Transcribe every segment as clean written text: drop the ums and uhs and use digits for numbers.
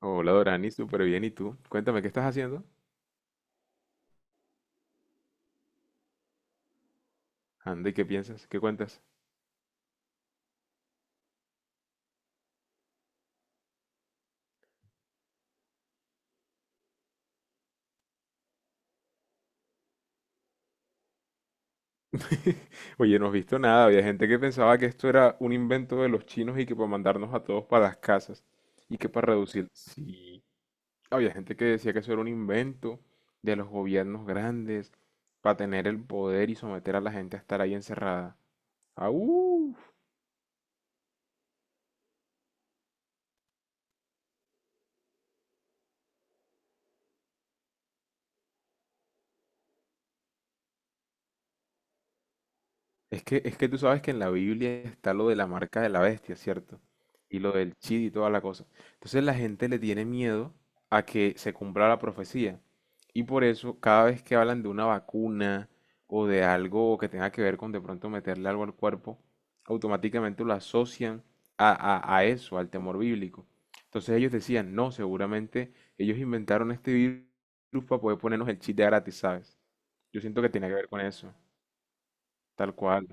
Hola Dorani, súper bien. ¿Y tú? Cuéntame, ¿qué estás haciendo? Anda, ¿y qué piensas? ¿Qué cuentas? Oye, no has visto nada. Había gente que pensaba que esto era un invento de los chinos y que para mandarnos a todos para las casas y que para reducir. Sí, había gente que decía que eso era un invento de los gobiernos grandes para tener el poder y someter a la gente a estar ahí encerrada. ¡Au! Es que tú sabes que en la Biblia está lo de la marca de la bestia, ¿cierto? Y lo del chid y toda la cosa. Entonces la gente le tiene miedo a que se cumpla la profecía. Y por eso cada vez que hablan de una vacuna o de algo que tenga que ver con de pronto meterle algo al cuerpo, automáticamente lo asocian a, a eso, al temor bíblico. Entonces ellos decían, no, seguramente ellos inventaron este virus para poder ponernos el chip de gratis, ¿sabes? Yo siento que tenía que ver con eso, tal cual.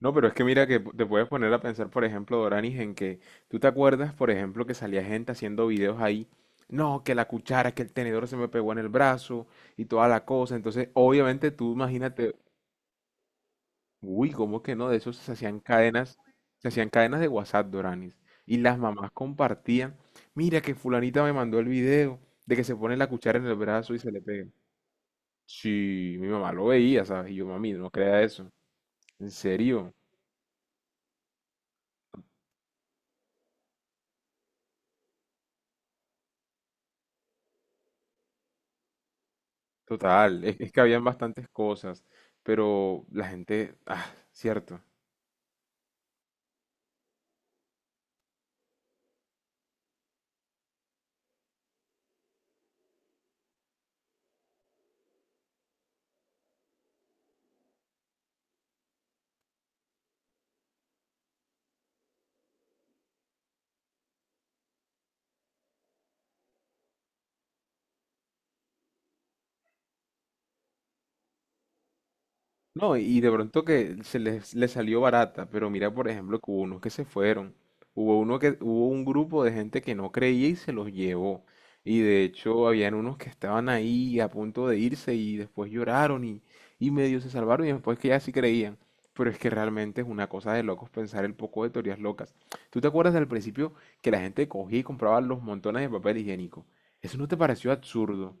No, pero es que mira que te puedes poner a pensar, por ejemplo, Doranis, en que tú te acuerdas, por ejemplo, que salía gente haciendo videos ahí, no, que la cuchara, que el tenedor se me pegó en el brazo y toda la cosa. Entonces, obviamente tú imagínate, uy, ¿cómo que no? De eso se hacían cadenas de WhatsApp, Doranis. Y las mamás compartían, mira que fulanita me mandó el video de que se pone la cuchara en el brazo y se le pega. Sí, mi mamá lo veía, ¿sabes? Y yo, mami, no crea eso. ¿En serio? Total, es que habían bastantes cosas, pero la gente, ah, cierto. No, y de pronto que se les, les salió barata, pero mira, por ejemplo, que hubo unos que se fueron. Hubo uno que, hubo un grupo de gente que no creía y se los llevó. Y de hecho, habían unos que estaban ahí a punto de irse y después lloraron y medio se salvaron y después que ya sí creían. Pero es que realmente es una cosa de locos pensar el poco de teorías locas. ¿Tú te acuerdas al principio que la gente cogía y compraba los montones de papel higiénico? ¿Eso no te pareció absurdo?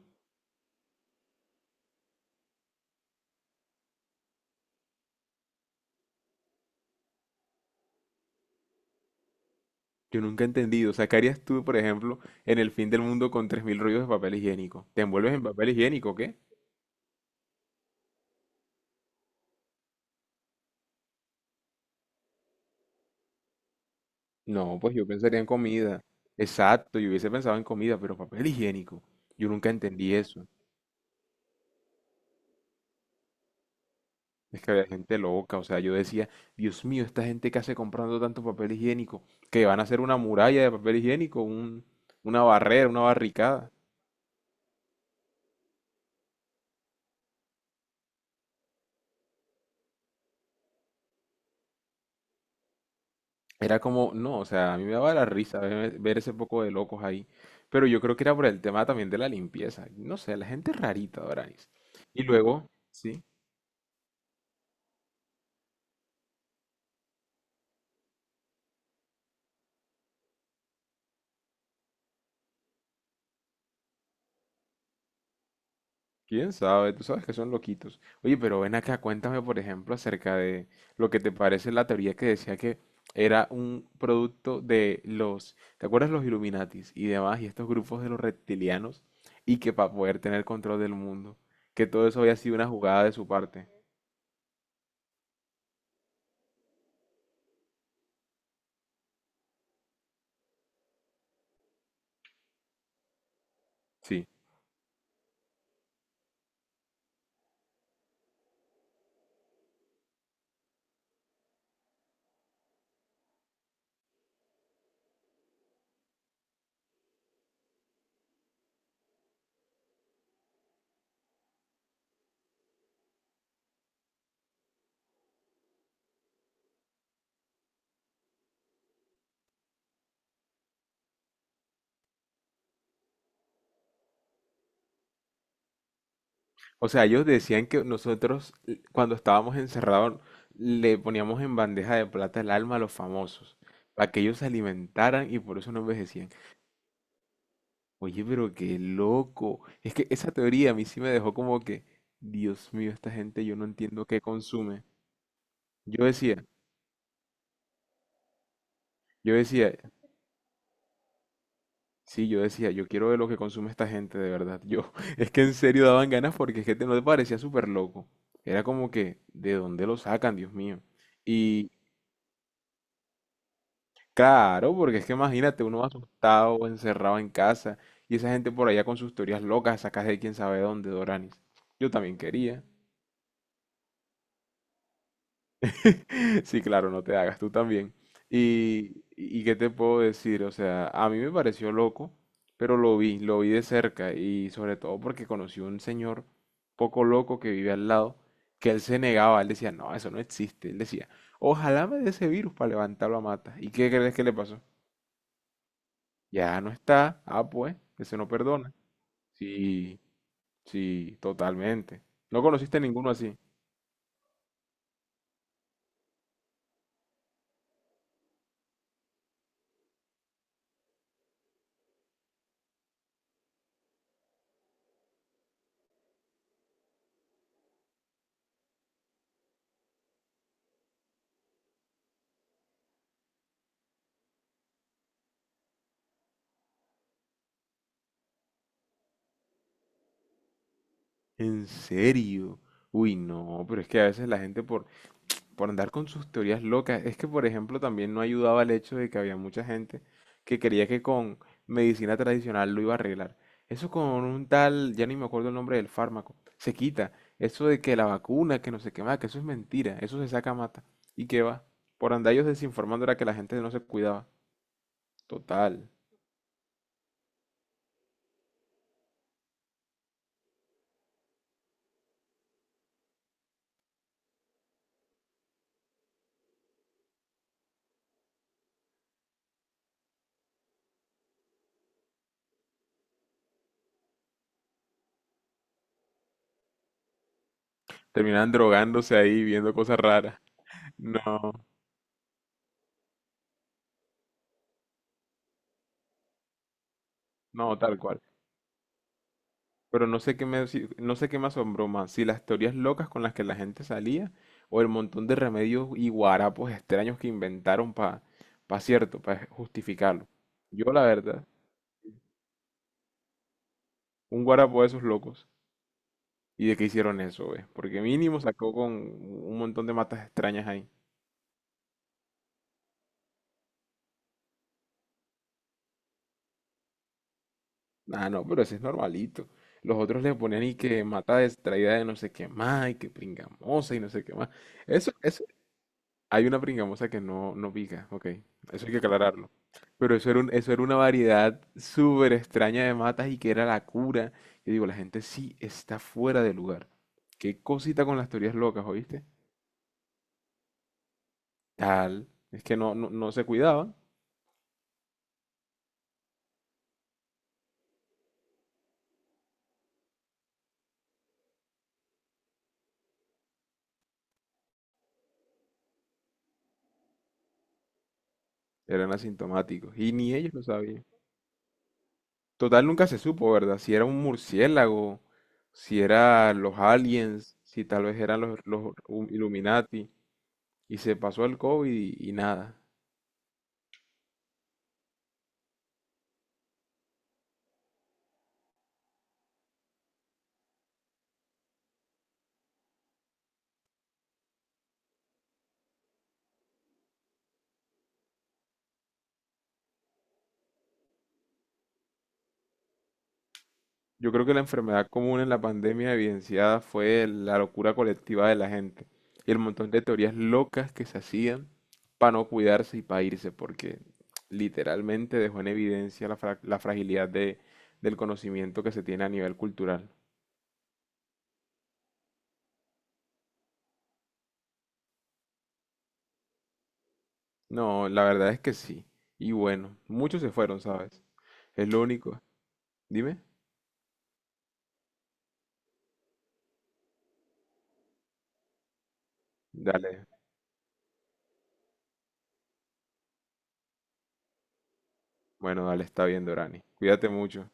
Yo nunca he entendido. O sea, ¿qué harías tú, por ejemplo, en el fin del mundo con 3.000 rollos de papel higiénico? ¿Te envuelves en papel higiénico, o qué? No, pues yo pensaría en comida. Exacto, yo hubiese pensado en comida, pero papel higiénico. Yo nunca entendí eso. Es que había gente loca. O sea, yo decía, Dios mío, esta gente que hace comprando tanto papel higiénico, que van a hacer una muralla de papel higiénico, una barrera, una barricada. Era como, no, o sea, a mí me daba la risa ver ese poco de locos ahí. Pero yo creo que era por el tema también de la limpieza. No sé, la gente es rarita, Doranis. Y luego, sí, quién sabe, tú sabes que son loquitos. Oye, pero ven acá, cuéntame, por ejemplo, acerca de lo que te parece la teoría que decía que era un producto de los, ¿te acuerdas los Illuminatis y demás, y estos grupos de los reptilianos? Y que para poder tener control del mundo, que todo eso había sido una jugada de su parte. Sí. O sea, ellos decían que nosotros cuando estábamos encerrados le poníamos en bandeja de plata el alma a los famosos, para que ellos se alimentaran y por eso no envejecían. Oye, pero qué loco. Es que esa teoría a mí sí me dejó como que, Dios mío, esta gente yo no entiendo qué consume. Yo decía, yo decía, sí, yo decía, yo quiero ver lo que consume esta gente de verdad. Yo, es que en serio daban ganas porque es que no te parecía súper loco. Era como que, ¿de dónde lo sacan, Dios mío? Y claro, porque es que imagínate, uno asustado o encerrado en casa y esa gente por allá con sus teorías locas sacas de quién sabe dónde, Doranis. Yo también quería. Sí, claro, no te hagas, tú también. Y qué te puedo decir, o sea, a mí me pareció loco, pero lo vi de cerca y sobre todo porque conocí un señor poco loco que vive al lado, que él se negaba, él decía, no, eso no existe, él decía, ojalá me dé ese virus para levantarlo a mata. ¿Y qué crees que le pasó? Ya no está. Ah, pues, eso no perdona. Sí, sí, totalmente. No conociste ninguno así. ¿En serio? Uy, no, pero es que a veces la gente por andar con sus teorías locas, es que por ejemplo también no ayudaba el hecho de que había mucha gente que creía que con medicina tradicional lo iba a arreglar. Eso con un tal, ya ni me acuerdo el nombre del fármaco, se quita. Eso de que la vacuna, que no sé qué más, que eso es mentira, eso se saca mata. ¿Y qué va? Por andar ellos desinformando era que la gente no se cuidaba. Total. Terminan drogándose ahí, viendo cosas raras. No, no, tal cual. Pero no sé qué me, no sé qué me asombró más, si las teorías locas con las que la gente salía o el montón de remedios y guarapos extraños que inventaron para, pa pa cierto, para justificarlo. Yo, la verdad, un guarapo de esos locos. ¿Y de qué hicieron eso, ve? Porque mínimo sacó con un montón de matas extrañas ahí. Ah, no, pero ese es normalito. Los otros le ponían y que mata distraída de no sé qué más, y que pringamosa y no sé qué más. Eso, eso, hay una pringamosa que no, no pica, ok. Eso hay que aclararlo. Pero eso era eso era una variedad súper extraña de matas y que era la cura. Yo digo, la gente sí está fuera de lugar. Qué cosita con las teorías locas, ¿oíste? Tal. Es que no, no, no se cuidaban, eran asintomáticos. Y ni ellos lo sabían. Total, nunca se supo, ¿verdad? Si era un murciélago, si era los aliens, si tal vez eran los, los Illuminati. Y se pasó el COVID y nada. Yo creo que la enfermedad común en la pandemia evidenciada fue la locura colectiva de la gente y el montón de teorías locas que se hacían para no cuidarse y para irse, porque literalmente dejó en evidencia la, la fragilidad del conocimiento que se tiene a nivel cultural. No, la verdad es que sí. Y bueno, muchos se fueron, ¿sabes? Es lo único. Dime. Dale. Bueno, dale, está bien, Dorani. Cuídate mucho.